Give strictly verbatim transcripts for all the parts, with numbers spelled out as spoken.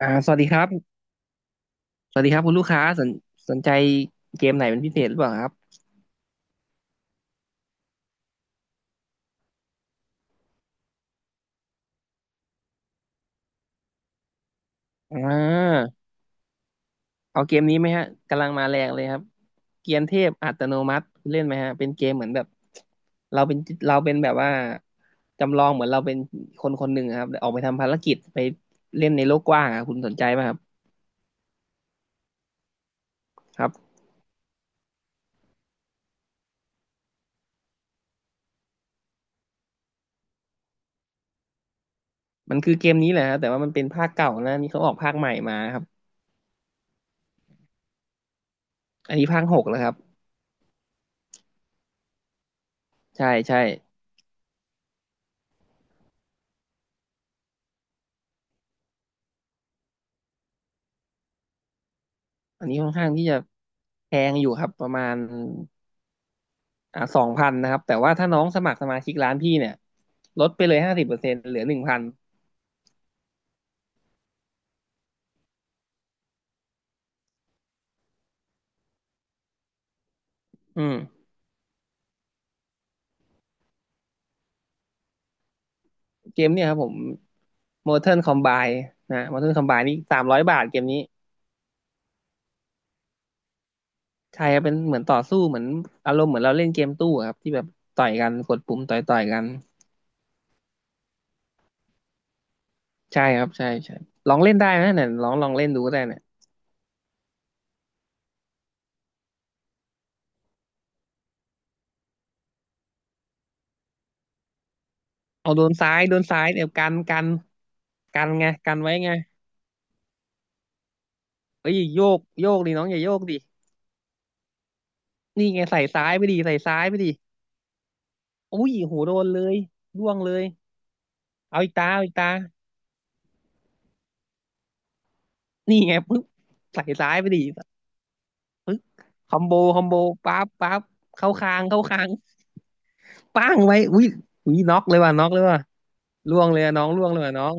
อ่าสวัสดีครับ สวัสดีครับคุณลูกค้าสนสนใจเกมไหนเป็นพิเศษหรือเปล่าครับอ่าเอาเกมนี้ไหมฮะกำลังมาแรงเลยครับเกียนเทพอัตโนมัติคุณเล่นไหมฮะเป็นเกมเหมือนแบบเราเป็นเราเป็นแบบว่าจำลองเหมือนเราเป็นคนคนหนึ่งอะครับแต่ออกไปทำภารกิจไปเล่นในโลกกว้างอะคุณสนใจไหมครับครับ มันคือเกมนี้แหละฮะแต่ว่ามันเป็นภาคเก่านะนี่เขาออกภาคใหม่มาครับอันนี้ภาคหกแล้วครับใช่ใช่อันนี้ค่อนข้างที่จะแพงอยู่ครับประมาณ อ่าสองพันนะครับแต่ว่าถ้าน้องสมัครสมาชิกร้านพี่เนี่ยลดไปเลยห้าสิบเปอร์เซ็นต์เหลือหนึ่งพันอืมเกมเนี่ยครับผม Mortal Kombat นะ Mortal Kombat นี่สามร้อยบาทเกมนี้ใช่ครับเป็นเหมือนต่อสู้เหมือนอารมณ์เหมือนเราเล่นเกมตู้อะครับที่แบบต่อยกันกดปุ่มต่อยต่อยกันใช่ครับใช่ใช่ลองเล่นได้นะเนี่ยลองลองเล่นดูก็ได้เนี่ยเอาโดนซ้ายโดนซ้ายเดี๋ยวกันกันกันไงกันไว้ไงเอ้ยโยกโยกดิน้องอย่าโยกดินี่ไงใส่ซ้ายไปดิใส่ซ้ายไปดิ อุ้ยหูโดนเลยร่วงเลยเอาอีกตาเอาอีกตานี่ไงปึ๊บใส่ซ้ายไปดิปึ๊บคอมโบคอมโบปั๊บปั๊บเข้าคางเข้าคางป้างไว้อุ้ยอุ้ยน็อกเลยว่ะน็อกเลยว่ะร่วงเลยอะน้องร่วงเลยว่ะน้อง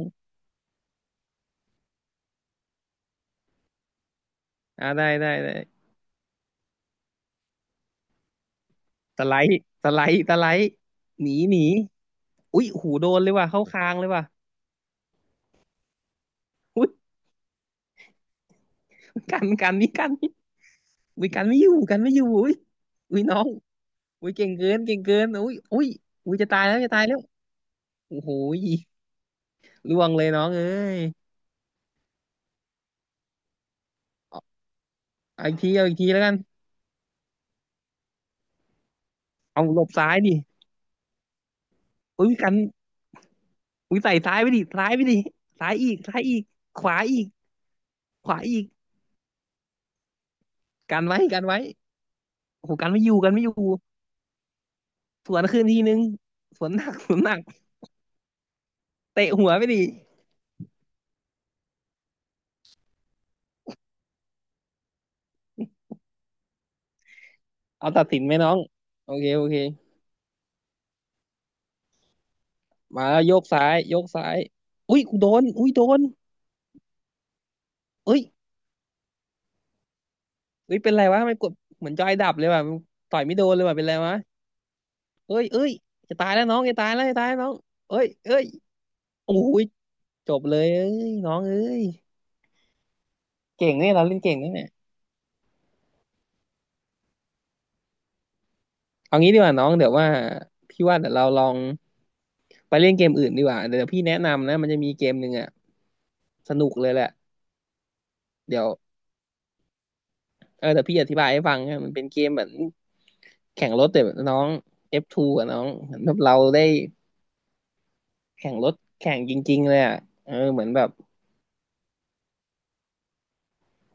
อ่าได้ได้ได้สไลด์สไลด์สไลด์หนีหนีอุ้ยหูโดนเลยว่ะเข้าคางเลยว่ะอุ้ยกันกันนี่กันนี่อุ้ยกันไม่อยู่กันไม่อยู่อุ้ยอุ้ยน้องอุ้ยเก่งเกินเก่งเกินอุ้ยอุ้ยอุ้ยจะตายแล้วจะตายแล้วโอ้โหล่วงเลยน้องเอ้ย เอาอีกทีเอาอีกทีแล้วกันเอาหลบซ้ายดิอุ้ยกันอุ้ยใส่ซ้ายไปดิซ้ายไปดิซ้ายอีกซ้ายอีกขวาอีกขวาอีกกันไว้กันไว้โอ้โหกันไม่อยู่กันไม่อยู่สวนคืนทีนึงสวนหนัก สวนหนักเตะหัวไปดิเอาตัดสินไหมน้องโอเคโอเคมาแล้วโยกซ้ายโยกซ้ายอุ้ยกูโดนอุ้ยโดนเอ้ยเอ้ยเป็นไรวะไม่กดเหมือนจอยดับเลยว่ะต่อยไม่โดนเลยว่ะเป็นไรวะเอ้ยเอ้ยจะตายแล้วน้องจะตายแล้วจะตายแล้วน้องเอ้ยเอ้ยโอ้ยจบเลยเอ้ยน้องเอ้ย เก่งเนี่ยเราเล่นเก่งนะเนี่ยเอางี้ดีกว่าน้องเดี๋ยวว่าพี่ว่าเดี๋ยวเราลองไปเล่นเกมอื่นดีกว่าเดี๋ยวพี่แนะนำนะมันจะมีเกมหนึ่งอ่ะสนุกเลยแหละเดี๋ยวเออเดี๋ยวพี่อธิบายให้ฟังนะมันเป็นเกมแบบแข่งรถแต่แบบน้อง เอฟ สอง อะน้องเหมือนแบบเราได้แข่งรถแข่งจริงๆเลยอ่ะเออเหมือนแบบ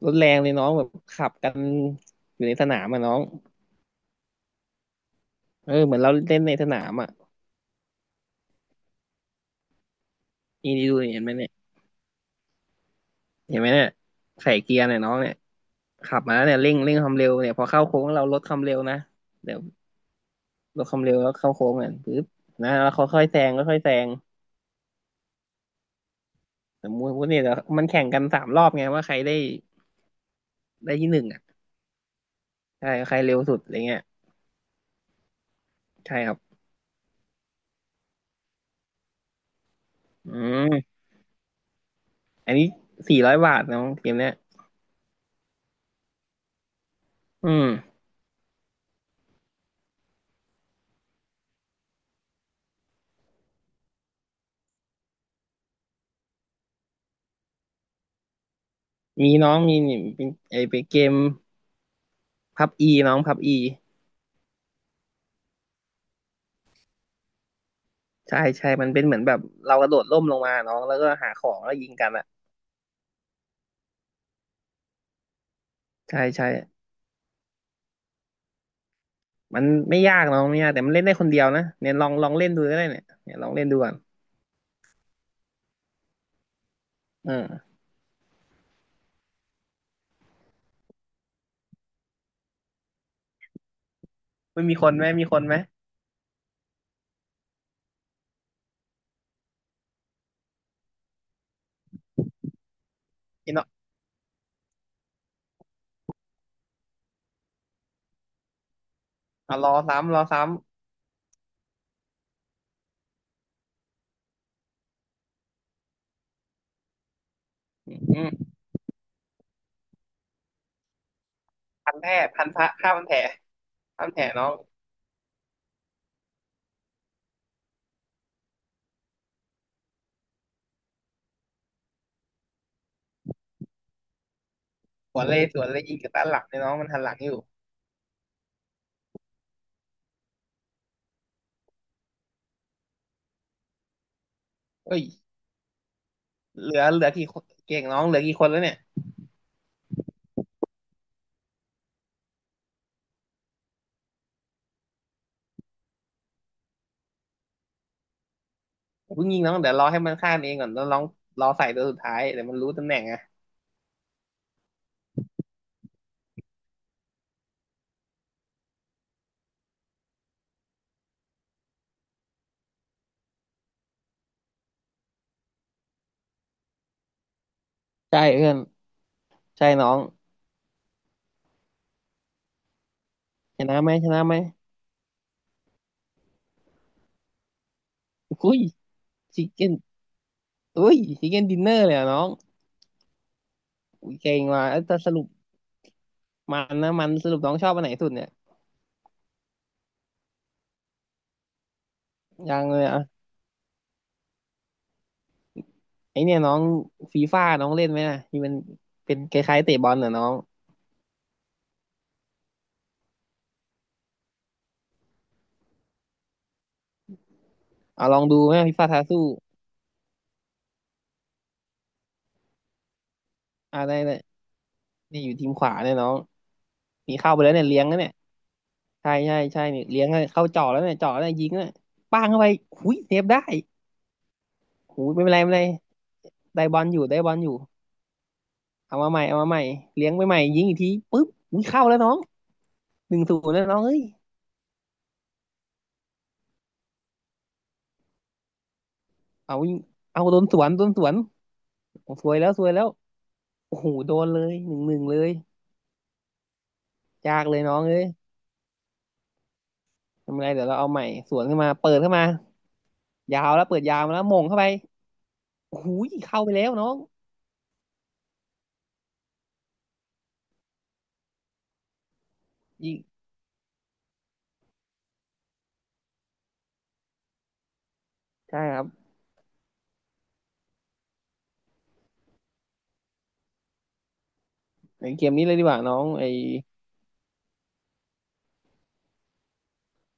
รถแรงเลยน้องแบบขับกันอยู่ในสนามอ่ะน้องเออเหมือนเราเล่นในสนามอ่ะนี่ดูเห็นไหมเนี่ยเห็นไหมเนี่ยใส่เกียร์เนี่ยน้องเนี่ย ขับมาเนี่ยเร่งเร่งความเร็วเนี่ยพอเข้าโค้งเราลดความเร็วนะเดี๋ยวลดความเร็วแล้วเข้าโค้งอ่ะปึ๊บนะแล้วเขาค่อยแซงค่อยแซงสมมติเนี่ยเดี๋ยวมันแข่งกันสามรอบไงว่าใครได้ได้ที่หนึ่งอ่ะใช่ใครเร็วสุดอะไรเงี้ยใช่ครับอืมอันนี้สี่ร้อยบาทน้องเกมเนี้ยอืมมีน้องมีนี่เป็นไอเป็นเกมพับอีน้องพับอีใช่ใช่มันเป็นเหมือนแบบเรากระโดดร่มลงมาน้องแล้วก็หาของแล้วยิงกันอ่ะใช่ใช่ มันไม่ยากเนาะไม่ยากแต่มันเล่นได้คนเดียวนะเนี่ยลองลองเล่นดูก็ได้เนี่ยเนี่ยลองเล่นดูก่อนเออไม่มีคนไหมมีคนไหมอิน่ะอ่ะรอซ้ำรอซ้ำอืมพันแผลพันพระข้าพันแผลข้าพันแผลน้องสวนเลยสวนเลยยิงกับด้านหลังเนี่ยน้องมันหันหลังอยู่เอ้ยเหลือเหลือกี่คนเก่งน้องเหลือกี่คนแล้วเนี่ยอย่าเพิ่งยิงน้องเดี๋ยวรอให้มันฆ่าเองก่อนแล้วน้องรอใส่ตัวสุดท้ายเดี๋ยวมันรู้ตำแหน่งอะใช่เพื่อนใช่น้องชนะไหมชนะไหมอุ้ยชิคเก้นอุ้ยชิคเก้นดินเนอร์เลยอะน้องอุ้ยเก่งว่ะเอ้ยแต่สรุป มันนะมันสรุปน้องชอบอันไหนสุดเนี่ยยังเลยอ่ะไอเนี่ยน้องฟีฟ่าน้องเล่นไหมน่ะที่มันเป็นคล้ายๆเตะบอลน่ะน้องเอาลองดูไหมฟีฟ่าท้าสู้อะไรเนี่ยนี่อยู่ทีมขวาเนี่ยน้องมีเข้าไปแล้วเนี่ยเลี้ยงแล้วเนี่ยใช่ใช่ใช่เนี่ยเลี้ยงแล้วเข้าจ่อแล้วเนี่ยจ่อแล้วเนี่ยยิงแล้วเนะป้างเข้าไปหุยเซฟได้หูยไม่เป็นไรไม่เป็นไรได้บอลอยู่ได้บอลอยู่เอามาใหม่เอามาใหม่เลี้ยงไปใหม่ยิงอีกทีปุ๊บหุยเข้าแล้วน้องหนึ่งศูนย์แล้วน้องเฮ้ยเอายิงเอาโดนสวนโดนสวนโอ้ซวยแล้วซวยแล้วโอ้โหโดนเลยหนึ่งหนึ่งเลย ยากเลยน้องเอ้ยทำไงเดี๋ยวเราเอาใหม่สวนขึ้นมาเปิดเข้ามายาวแล้วเปิดยาวมาแล้วมงเข้าไปโอ้โหเข้าไปแล้วน้องยิงใช่ครับไอเกมนี้เลยดีกว่าน้องไอ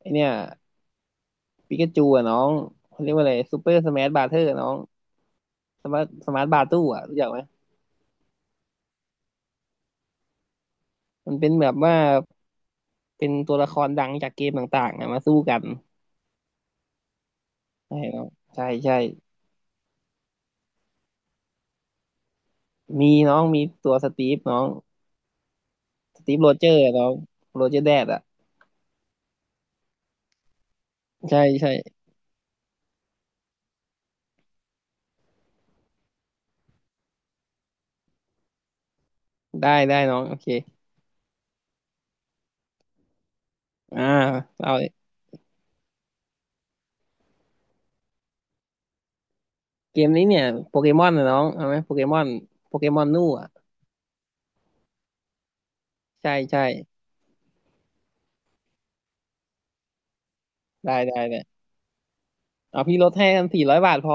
ไอเนี่ยปิกาจูอะน้องเขาเรียกว่าอะไรซูเปอร์สมาร์ทบาร์เทอร์น้องสมาร์ทสมาร์ทบาร์ตู้อะรู้จักไหม มันเป็นแบบว่าเป็นตัวละครดังจากเกมต่างๆอะมาสู้กันใช่น้องใช่ใช่มีน้องมีตัวสตีฟน้องสตีฟโรเจอร์น้องโรเจอร์แดดอะใช่ใช่ได้ได้น้องโอเคอ่าเอา เกมนี้เนี่ยโปเกมอนนะน้องเอาไหมโปเกมอนโปเกมอนนู่อ่ะใช่ใช่ได้ได้เนี่ยเอาพี่ลดให้กันสี่ร้อยบาทพอ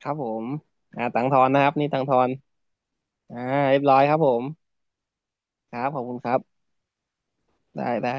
ครับผมอ่าตังค์ทอนนะครับนี่ตังค์ทอนอ่าเรียบร้อยครับผมครับขอบคุณครับได้ได้